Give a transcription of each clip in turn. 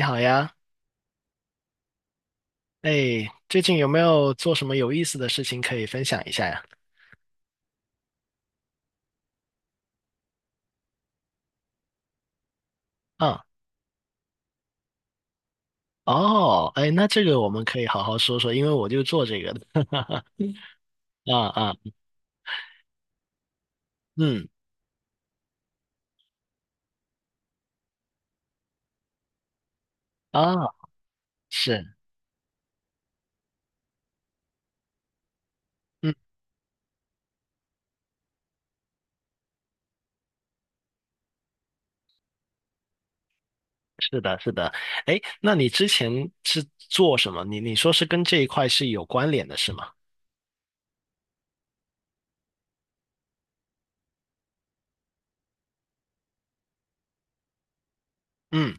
你好呀，哎，最近有没有做什么有意思的事情可以分享一下呀？啊，哦，哎，那这个我们可以好好说说，因为我就做这个的。啊啊，嗯，啊，是，嗯，是的，是的。哎，那你之前是做什么？你说是跟这一块是有关联的，是吗？嗯，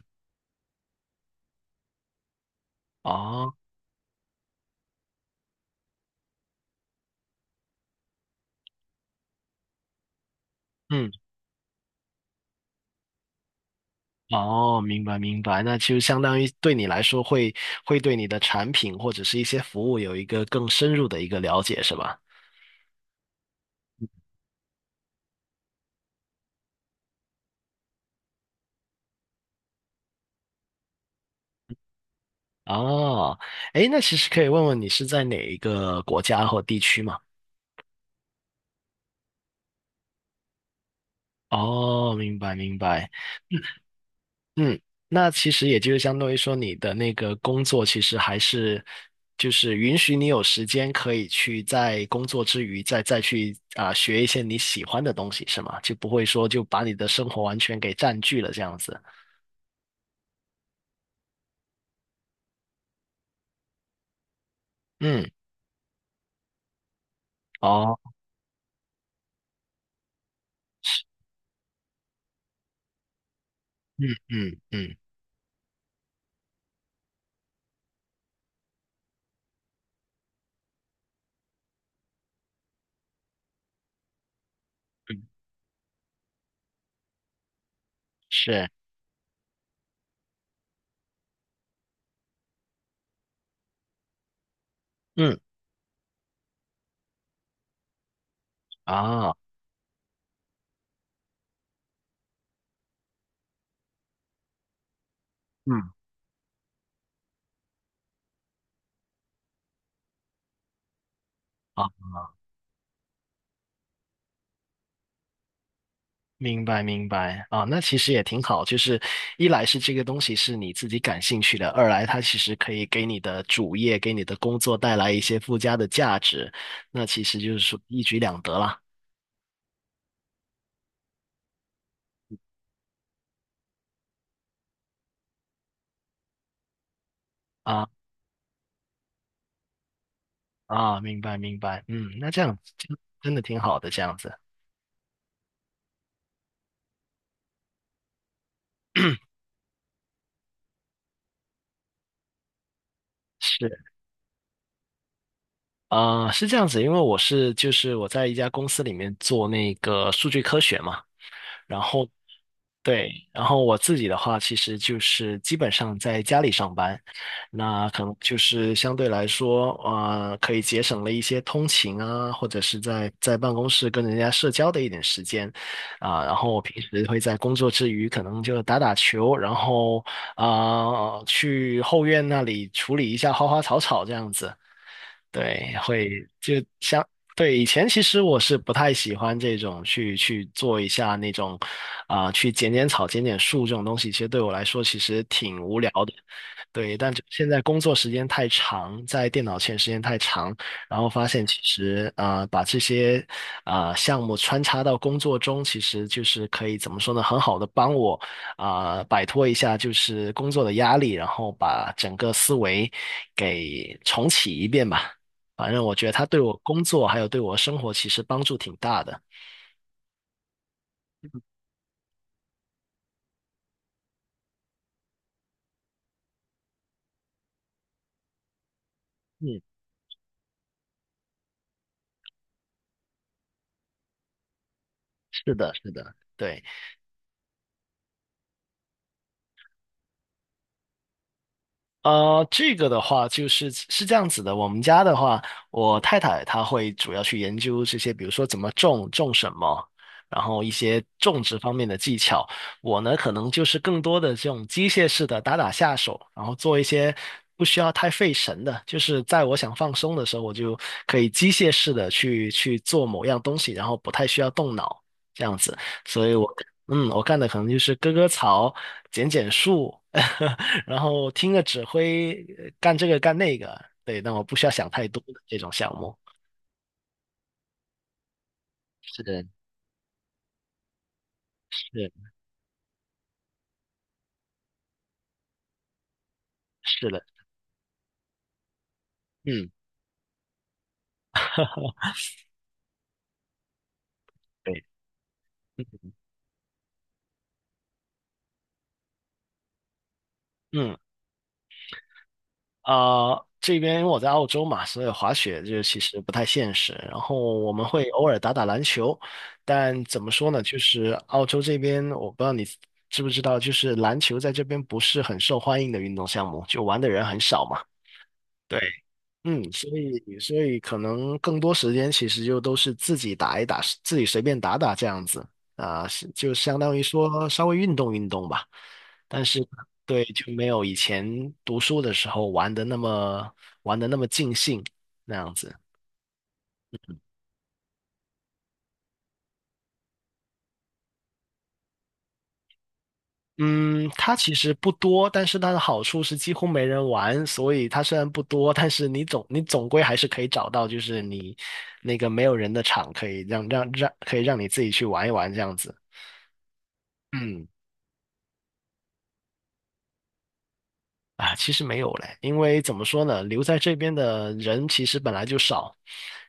哦，嗯，哦，明白明白，那就相当于对你来说会对你的产品或者是一些服务有一个更深入的一个了解，是吧？哦，诶，那其实可以问问你是在哪一个国家或地区吗？哦，明白明白，嗯，那其实也就是相当于说你的那个工作其实还是就是允许你有时间可以去在工作之余再去学一些你喜欢的东西是吗？就不会说就把你的生活完全给占据了这样子。嗯，哦，嗯嗯嗯嗯，是，嗯啊，嗯。哦明白明白啊，那其实也挺好，就是一来是这个东西是你自己感兴趣的，二来它其实可以给你的主业、给你的工作带来一些附加的价值，那其实就是说一举两得啦。啊啊，明白明白，嗯，那这样这样真的挺好的，这样子。是啊，是这样子，因为我是就是我在一家公司里面做那个数据科学嘛，然后对，然后我自己的话，其实就是基本上在家里上班，那可能就是相对来说，可以节省了一些通勤啊，或者是在办公室跟人家社交的一点时间，然后我平时会在工作之余，可能就打打球，然后去后院那里处理一下花花草草这样子，对，会。对，以前其实我是不太喜欢这种去做一下那种，去剪剪草、剪剪树这种东西，其实对我来说其实挺无聊的。对，但就现在工作时间太长，在电脑前时间太长，然后发现其实把这些项目穿插到工作中，其实就是可以怎么说呢，很好的帮我摆脱一下就是工作的压力，然后把整个思维给重启一遍吧。反正我觉得它对我工作还有对我生活其实帮助挺大的。嗯，是的，是的，对。这个的话就是是这样子的。我们家的话，我太太她会主要去研究这些，比如说怎么种、种什么，然后一些种植方面的技巧。我呢，可能就是更多的这种机械式的打打下手，然后做一些不需要太费神的，就是在我想放松的时候，我就可以机械式的去做某样东西，然后不太需要动脑这样子。所以我。嗯，我干的可能就是割割草、剪剪树，然后听个指挥，干这个干那个。对，但我不需要想太多的这种项目。是的，是是的，嗯，对，嗯，啊，这边因为我在澳洲嘛，所以滑雪就其实不太现实。然后我们会偶尔打打篮球，但怎么说呢，就是澳洲这边，我不知道你知不知道，就是篮球在这边不是很受欢迎的运动项目，就玩的人很少嘛。对。嗯，所以可能更多时间其实就都是自己打一打，自己随便打打这样子啊，是就相当于说稍微运动运动吧。但是对，就没有以前读书的时候玩的那么尽兴那样子。嗯，它其实不多，但是它的好处是几乎没人玩，所以它虽然不多，但是你总归还是可以找到，就是你那个没有人的场，可以让让让可以让你自己去玩一玩这样子。嗯。啊，其实没有嘞，因为怎么说呢，留在这边的人其实本来就少，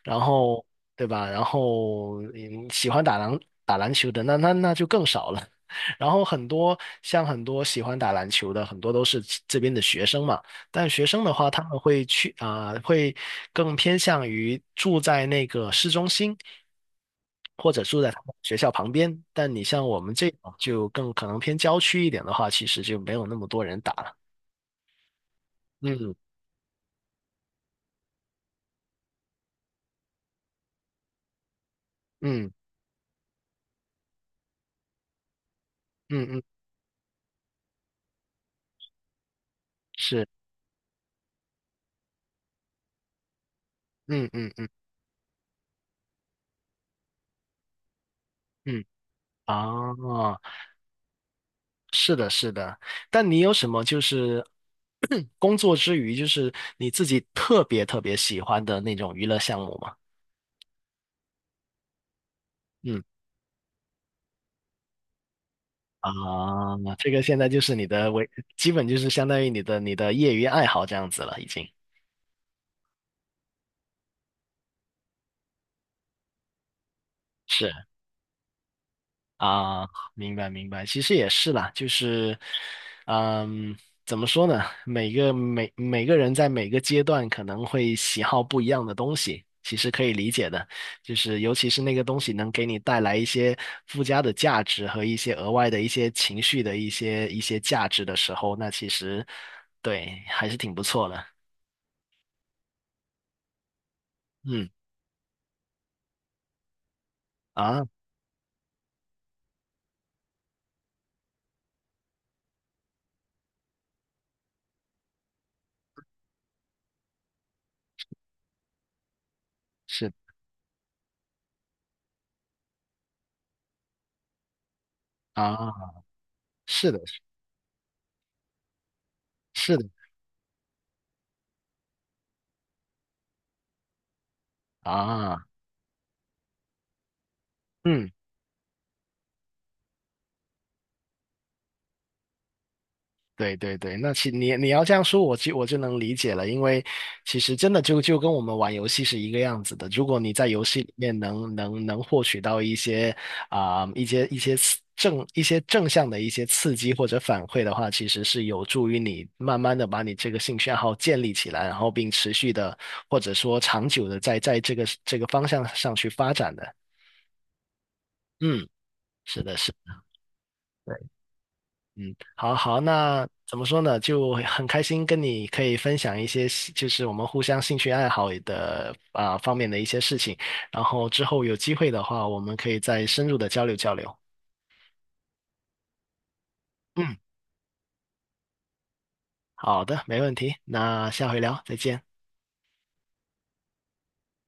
然后对吧？然后嗯，喜欢打篮球的，那就更少了。然后很多像很多喜欢打篮球的，很多都是这边的学生嘛。但学生的话，他们会去啊、会更偏向于住在那个市中心，或者住在他们学校旁边。但你像我们这种就更可能偏郊区一点的话，其实就没有那么多人打了。嗯，嗯嗯嗯，是，嗯嗯嗯嗯，哦，是的，是的。但你有什么就是 工作之余，就是你自己特别特别喜欢的那种娱乐项目吗？嗯啊，那这个现在就是你的为，基本就是相当于你的业余爱好这样子了，已经。是。啊，明白明白，其实也是啦，就是，嗯，怎么说呢？每个人在每个阶段可能会喜好不一样的东西，其实可以理解的。就是尤其是那个东西能给你带来一些附加的价值和一些额外的一些情绪的一些价值的时候，那其实对还是挺不错的。嗯啊，是啊，是的，是的啊，嗯。对对对，那你要这样说，我就能理解了，因为其实真的就跟我们玩游戏是一个样子的。如果你在游戏里面能获取到一些正向的一些刺激或者反馈的话，其实是有助于你慢慢的把你这个兴趣爱好建立起来，然后并持续的或者说长久的在这个方向上去发展的。嗯，是的，是的。对。嗯，好好，那怎么说呢？就很开心跟你可以分享一些兴就是我们互相兴趣爱好的方面的一些事情。然后之后有机会的话，我们可以再深入的交流交流。嗯，好的，没问题。那下回聊，再见。